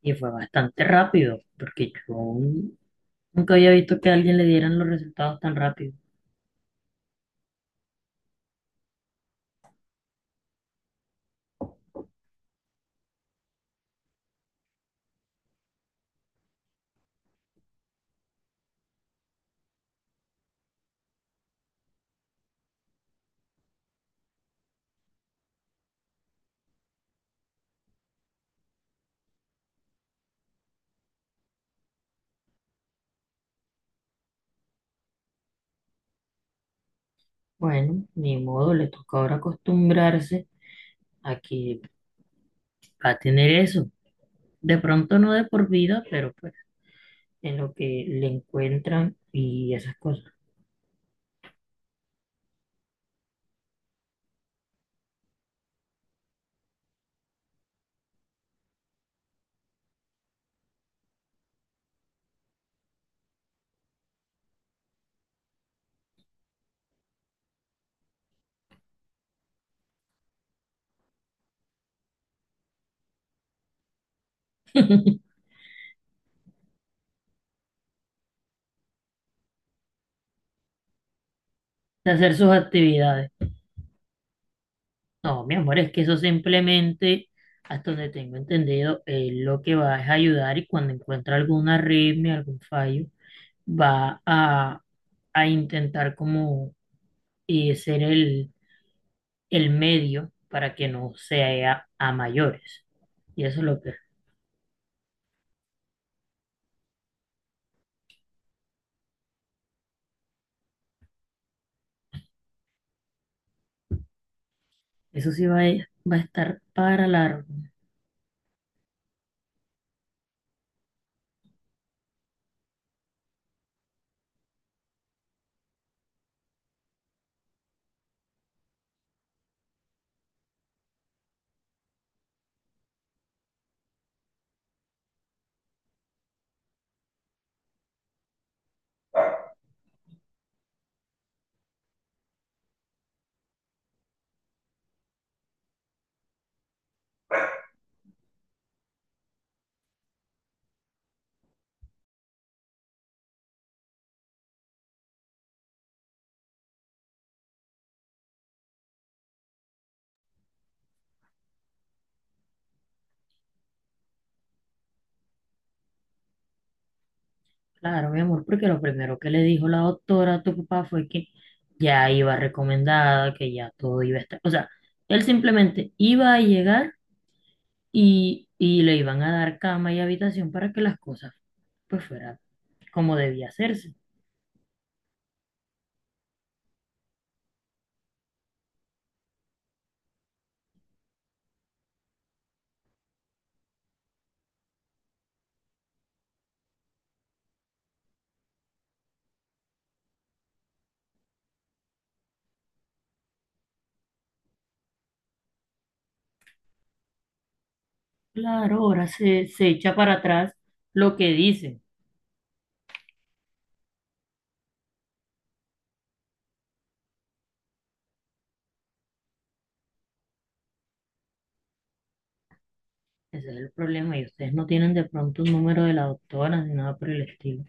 Y fue bastante rápido, porque yo nunca había visto que a alguien le dieran los resultados tan rápido. Bueno, ni modo, le toca ahora acostumbrarse a que va a tener eso. De pronto no de por vida, pero pues en lo que le encuentran y esas cosas. De hacer sus actividades. No, mi amor, es que eso simplemente, hasta donde tengo entendido, él lo que va es ayudar y cuando encuentra alguna arritmia, algún fallo, va a intentar como y ser el medio para que no sea a mayores. Y eso es lo que, eso sí va a estar para largo, claro, mi amor, porque lo primero que le dijo la doctora a tu papá fue que ya iba recomendada, que ya todo iba a estar, o sea, él simplemente iba a llegar y le iban a dar cama y habitación para que las cosas pues fueran como debía hacerse. Claro, ahora se echa para atrás lo que dice. Ese es el problema y ustedes no tienen de pronto un número de la doctora ni nada por el estilo.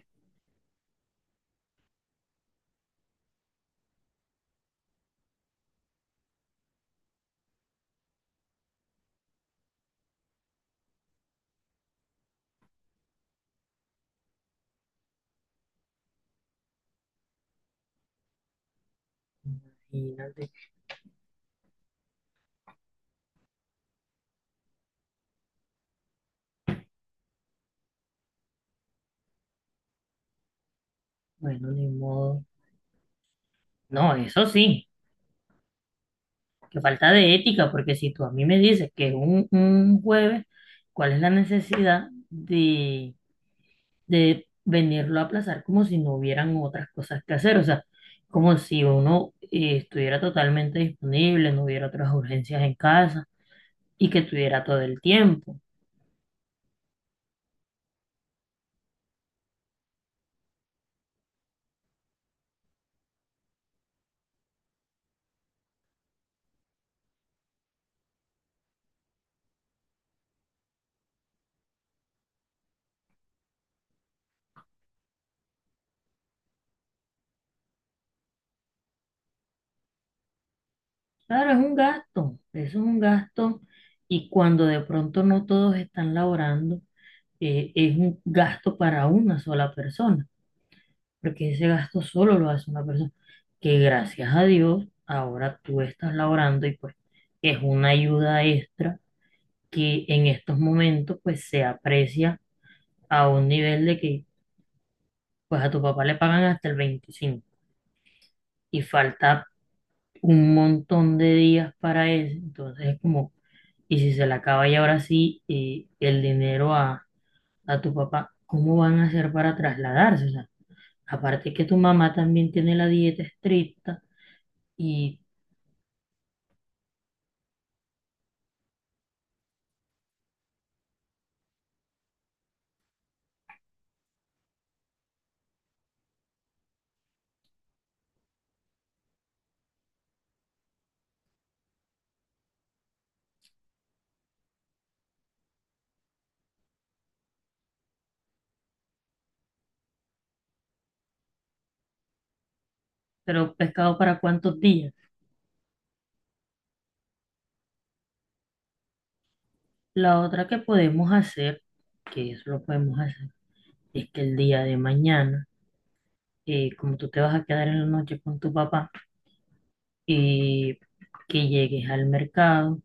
Imagínate, bueno, ni modo. No, eso sí, que falta de ética, porque si tú a mí me dices que es un jueves, ¿cuál es la necesidad de venirlo a aplazar como si no hubieran otras cosas que hacer? O sea, como si uno estuviera totalmente disponible, no hubiera otras urgencias en casa y que tuviera todo el tiempo. Claro, es un gasto, eso es un gasto y cuando de pronto no todos están laborando, es un gasto para una sola persona, porque ese gasto solo lo hace una persona, que gracias a Dios ahora tú estás laborando y pues es una ayuda extra que en estos momentos pues se aprecia a un nivel de que pues a tu papá le pagan hasta el 25 y falta un montón de días para eso, entonces es como. Y si se le acaba y ahora sí el dinero a tu papá, ¿cómo van a hacer para trasladarse? O sea, aparte que tu mamá también tiene la dieta estricta, y pero pescado para cuántos días. La otra que podemos hacer, que eso lo podemos hacer, es que el día de mañana, como tú te vas a quedar en la noche con tu papá, eh, que llegues al mercado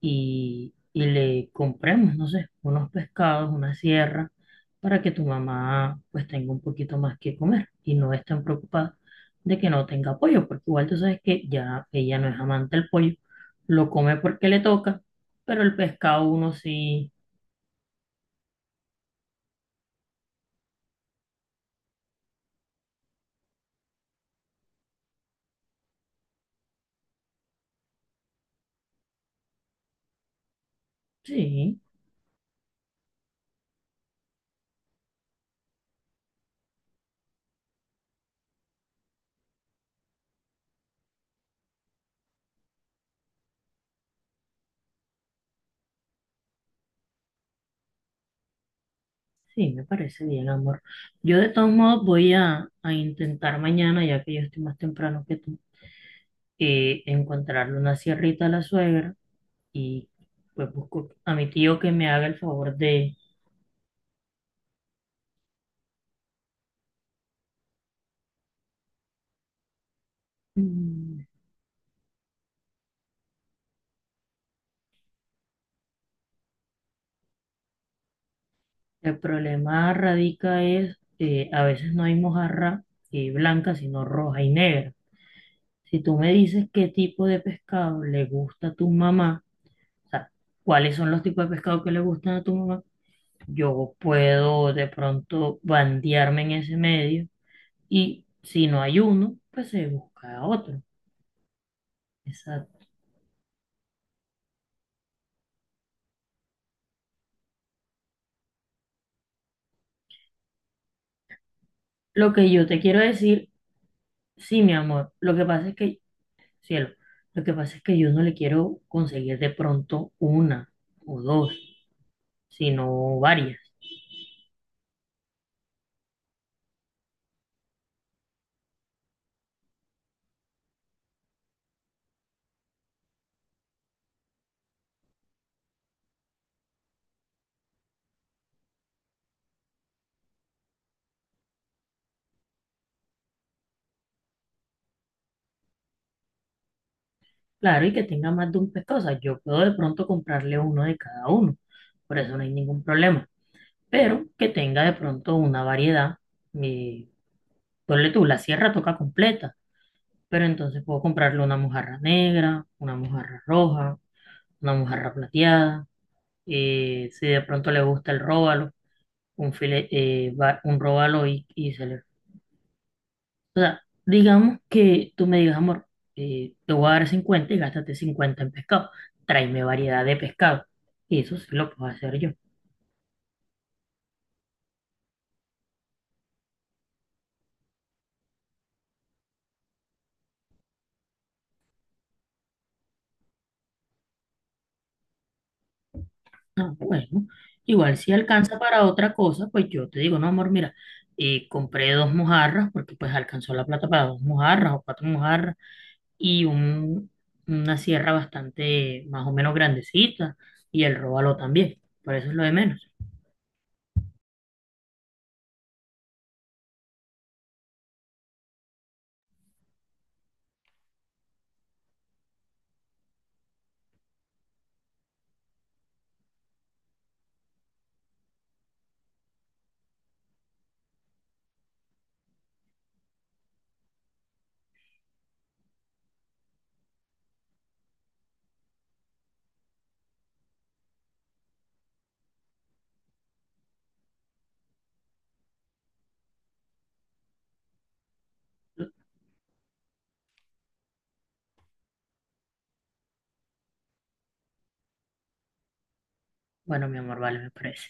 y le compremos, no sé, unos pescados, una sierra, para que tu mamá pues tenga un poquito más que comer y no esté tan preocupada de que no tenga pollo, porque igual tú sabes que ya ella no es amante del pollo, lo come porque le toca, pero el pescado uno sí, sí, sí, me parece bien, amor. Yo de todos modos voy a intentar mañana, ya que yo estoy más temprano que tú, encontrarle una sierrita a la suegra y pues busco a mi tío que me haga el favor de... Mm, El problema radica es que a veces no hay mojarra blanca, sino roja y negra. Si tú me dices qué tipo de pescado le gusta a tu mamá, o sea, cuáles son los tipos de pescado que le gustan a tu mamá, yo puedo de pronto bandearme en ese medio y si no hay uno, pues se busca otro. Exacto. Lo que yo te quiero decir, sí, mi amor, lo que pasa es que cielo. Lo que pasa es que yo no le quiero conseguir de pronto una o dos, sino varias. Claro, y que tenga más de un pescado. O sea, yo puedo de pronto comprarle uno de cada uno, por eso no hay ningún problema. Pero que tenga de pronto una variedad. Eh, ponle tú, la sierra toca completa, pero entonces puedo comprarle una mojarra negra, una mojarra roja, una mojarra plateada. Si de pronto le gusta el róbalo, un róbalo y se le... O sea, digamos que tú me digas, amor, te voy a dar 50 y gástate 50 en pescado. Tráeme variedad de pescado. Y eso sí lo puedo hacer yo. Ah, bueno, igual si alcanza para otra cosa, pues yo te digo, no, amor, mira, compré dos mojarras porque pues alcanzó la plata para dos mojarras o cuatro mojarras y un, una sierra bastante más o menos grandecita y el róbalo también. Por eso es lo de menos. Bueno, mi amor, vale, me parece.